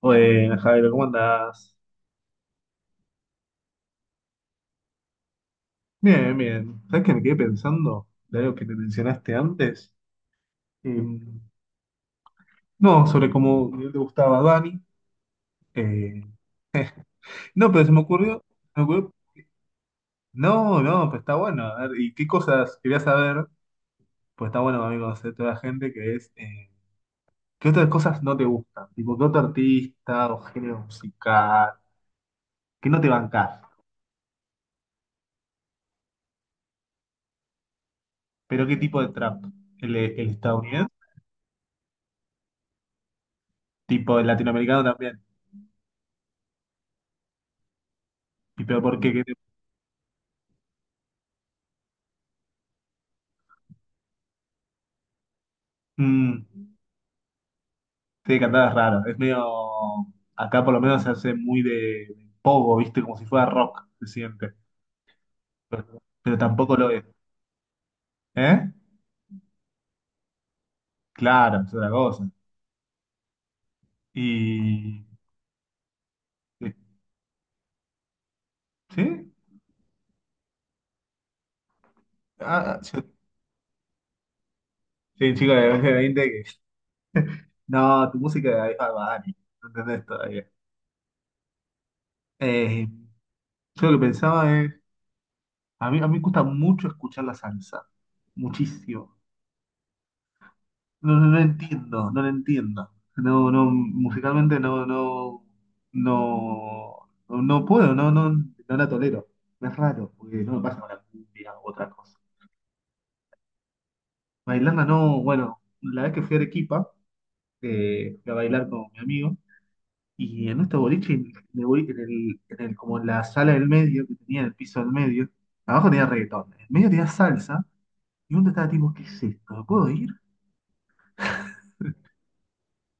Bueno, Javier, ¿cómo andás? Bien, bien. ¿Sabes que me quedé pensando de algo que te mencionaste antes? Eh, no, sobre cómo te gustaba Dani. Eh, no, pero se me ocurrió- No, no, pues está bueno. A ver, ¿y qué cosas quería saber? Pues está bueno, amigo, conocer toda la gente que es. ¿Qué otras cosas no te gustan? Tipo, ¿qué otro artista o género musical? ¿Qué no te bancás? ¿Pero qué tipo de trap? ¿El estadounidense? Tipo, el latinoamericano también. ¿Y pero por qué? Mm. Sí, cantar es raro. Es medio. Acá por lo menos se hace muy de pogo, ¿viste? Como si fuera rock, se siente. Pero tampoco lo es. ¿Eh? Claro, es otra cosa. Y. eh, ¿Sí? Ah, ah, sí, chico de 20 que. No, tu música de Alfa Dani. No entendés todavía. Eh, yo lo que pensaba es. A mí me gusta mucho escuchar la salsa. Muchísimo. No, no, no lo entiendo. No, no, musicalmente no puedo, no la tolero. Es raro, porque no me pasa con la cumbia u otra cosa. Bailarla no, bueno, la vez que fui a Arequipa, fui a bailar con mi amigo, y en este boliche, en el, boli- en el- como en la sala del medio, que tenía el piso del medio, abajo tenía reggaetón, en el medio tenía salsa, y uno estaba tipo, ¿qué es esto? ¿Me puedo ir?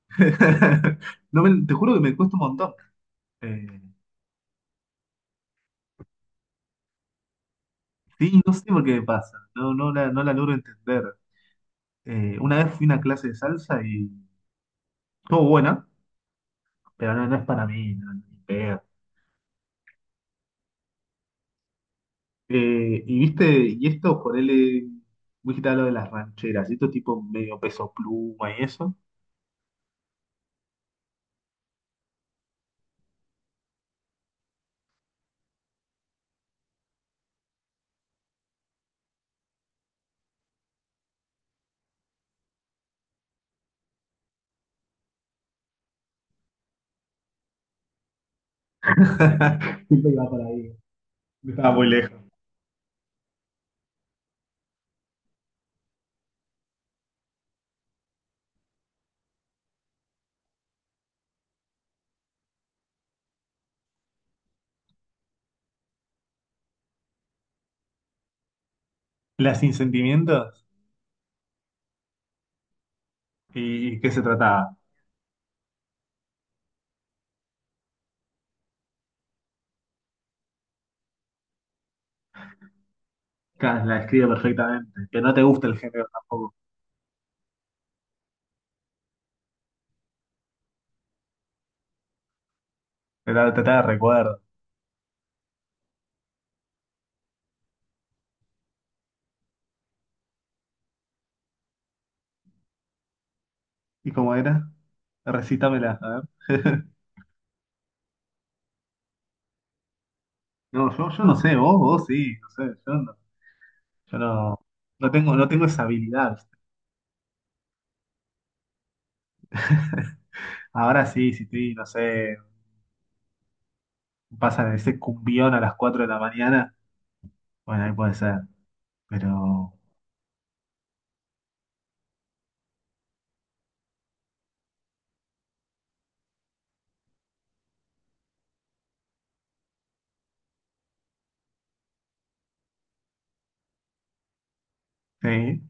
No me- Te juro que me cuesta un montón. Eh, Sí, no sé por qué me pasa, no, no la logro entender. Una vez fui a una clase de salsa y estuvo buena, pero no, no es para mí, no, ni pedo. Y viste, y esto, ponele, vos dijiste lo de las rancheras, y esto tipo medio peso pluma y eso. Siempre iba por ahí, estaba muy lejos. Las sin sentimientos, ¿y qué se trataba? Claro, la escribe perfectamente, que no te gusta el género tampoco, te da, te de recuerdo. ¿Y cómo era? Recítamela, a ver. No, yo no sé, vos sí, no sé, yo no, yo no, no tengo esa habilidad. ¿Viste? Ahora sí, si estoy, no sé, pasa de ese cumbión a las 4 de la mañana, bueno, ahí puede ser, pero sí,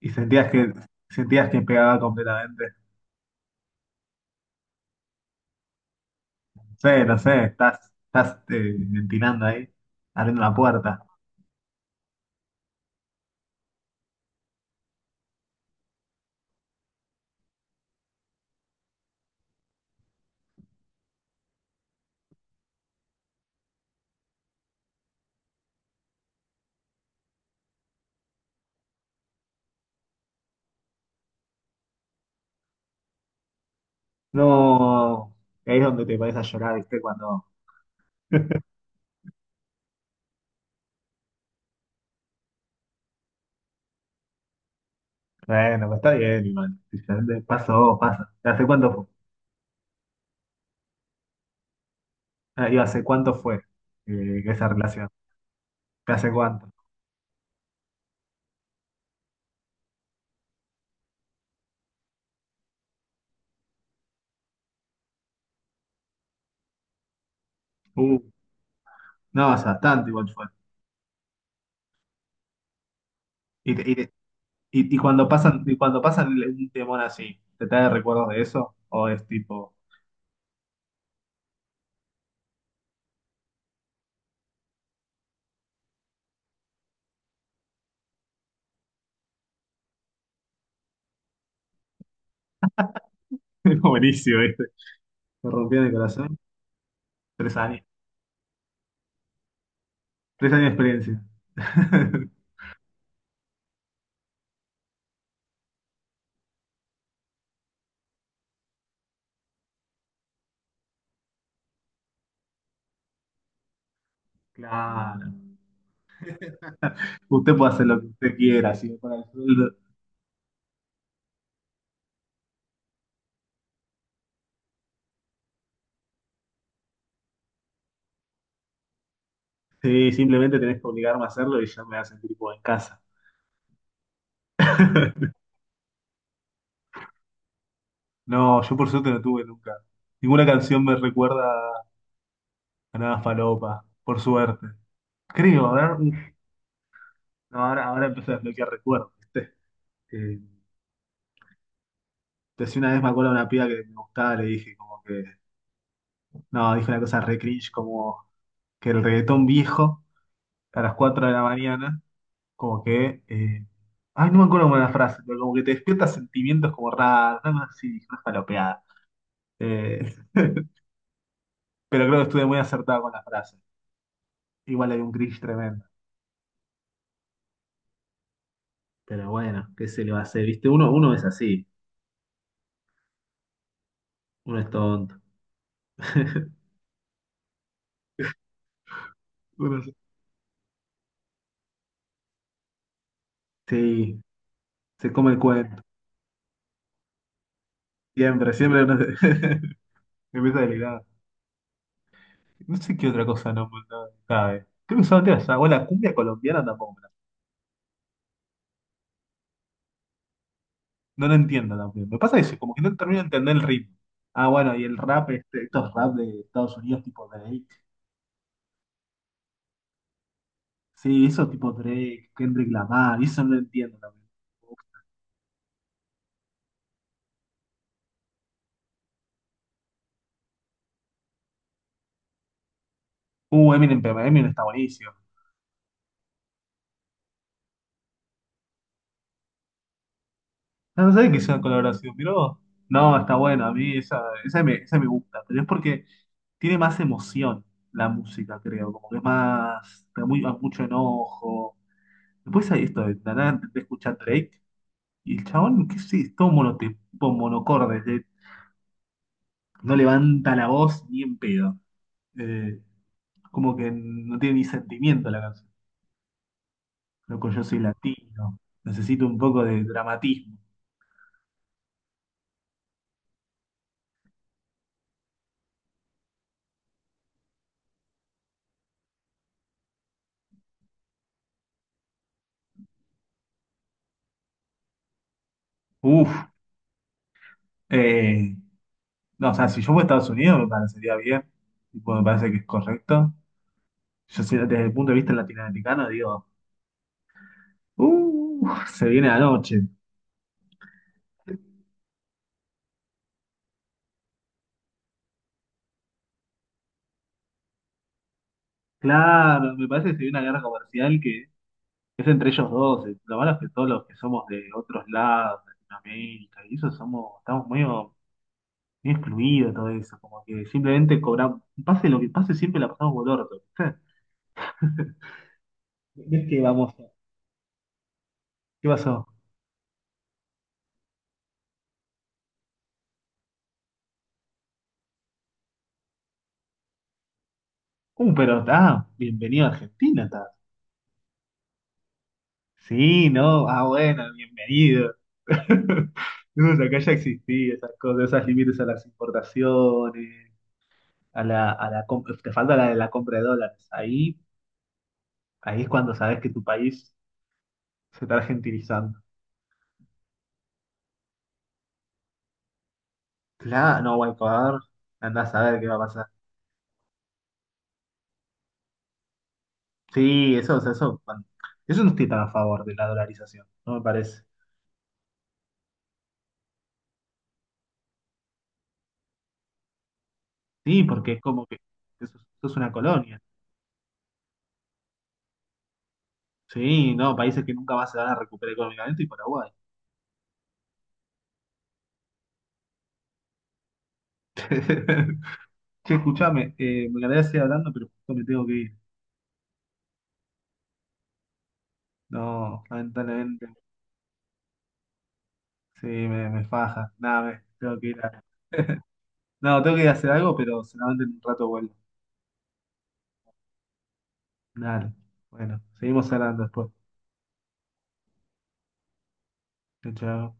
y sentías que pegaba completamente. No sé, no sé, estás ventilando ahí, abriendo la puerta. No, ahí es donde te pones a llorar, ¿viste? Cuando, bueno, pues está bien, igual, pasó, pasa. ¿Hace cuánto fue? Ah, ¿y hace cuánto fue esa relación? ¿Hace cuánto? Uh, no, hace bastante igual fue. Y, te- y, te- y cuando pasan un temón así, ¿te trae recuerdos de eso? ¿O es tipo? Buenísimo, ¿viste? Me rompió el corazón. 3 años. 3 años de experiencia. Claro. Usted puede hacer lo que usted quiera, si me paga el sueldo. Sí, simplemente tenés que obligarme a hacerlo y ya me hacen tipo en casa. No, yo por suerte no tuve nunca. Ninguna canción me recuerda a nada falopa, por suerte. Creo, a ver, uf, no, ahora empecé a desbloquear recuerdos, ¿viste? Eh, decía una vez me acuerdo de una piba que me gustaba, le dije como que, no, dije una cosa re cringe, como que el reggaetón viejo a las 4 de la mañana, como que, ay, no me acuerdo cómo era la frase, pero como que te despierta sentimientos como raros, nada más así, dije una falopeada. Eh, pero creo que estuve muy acertado con la frase. Igual hay un cringe tremendo. Pero bueno, ¿qué se le va a hacer? ¿Viste? Uno, uno es así, uno es tonto. Uno es- Sí, se come el cuento. Siempre, siempre empieza delirado. No sé qué otra cosa no, no cabe. Creo que solamente esa. O la cumbia colombiana tampoco. No lo entiendo también. Me pasa eso, como que no termino de entender el ritmo. Ah, bueno, y el rap, este, estos rap de Estados Unidos tipo Drake. Sí, eso tipo Drake, Kendrick Lamar, y eso no lo entiendo también. Eminem, pero Eminem está buenísimo. Ah, no sé que sea colaboración, pero no, está buena, a mí esa me gusta, pero es porque tiene más emoción la música, creo, como que es más, da mucho enojo. Después hay esto de la nada intenté escuchar Drake y el chabón, qué sé, es todo monotipo, monocorde, no levanta la voz ni en pedo. Eh, como que no tiene ni sentimiento la canción. Loco, yo soy latino, necesito un poco de dramatismo. Uf, eh, No, o sea, si yo voy a Estados Unidos me parecería bien, tipo, me parece que es correcto. Yo sé, desde el punto de vista latinoamericano digo, se viene la noche. Claro, me parece que se viene una guerra comercial que es entre ellos dos. Lo malo es que todos los que somos de otros lados, Latinoamérica, y eso somos, estamos muy, muy excluidos de todo eso, como que simplemente cobramos, pase lo que pase, siempre la pasamos por el orto, ¿viste? ¿Ves que vamos? ¿Qué pasó? Pero está, bienvenido a Argentina. Sí, no, ah, bueno, bienvenido. No, o sea, acá ya existía esas cosas, esos límites a las importaciones, te falta la de la compra de dólares. Ahí es cuando sabes que tu país se está argentinizando. Claro, no, bueno, Ecuador, andás a ver qué va a pasar. Sí, eso, o sea, eso, eso no estoy tan a favor de la dolarización, no me parece. Sí, porque es como que eso, es una colonia. Sí, no, países que nunca más se van a recuperar económicamente y Paraguay. Che, escuchame, me encantaría seguir hablando, pero justo me tengo que ir. No, lamentablemente. Sí, me faja. Nada, tengo que ir a... No, tengo que ir a hacer algo, pero seguramente en un rato vuelvo. Dale, bueno, seguimos hablando después. Chao, chao.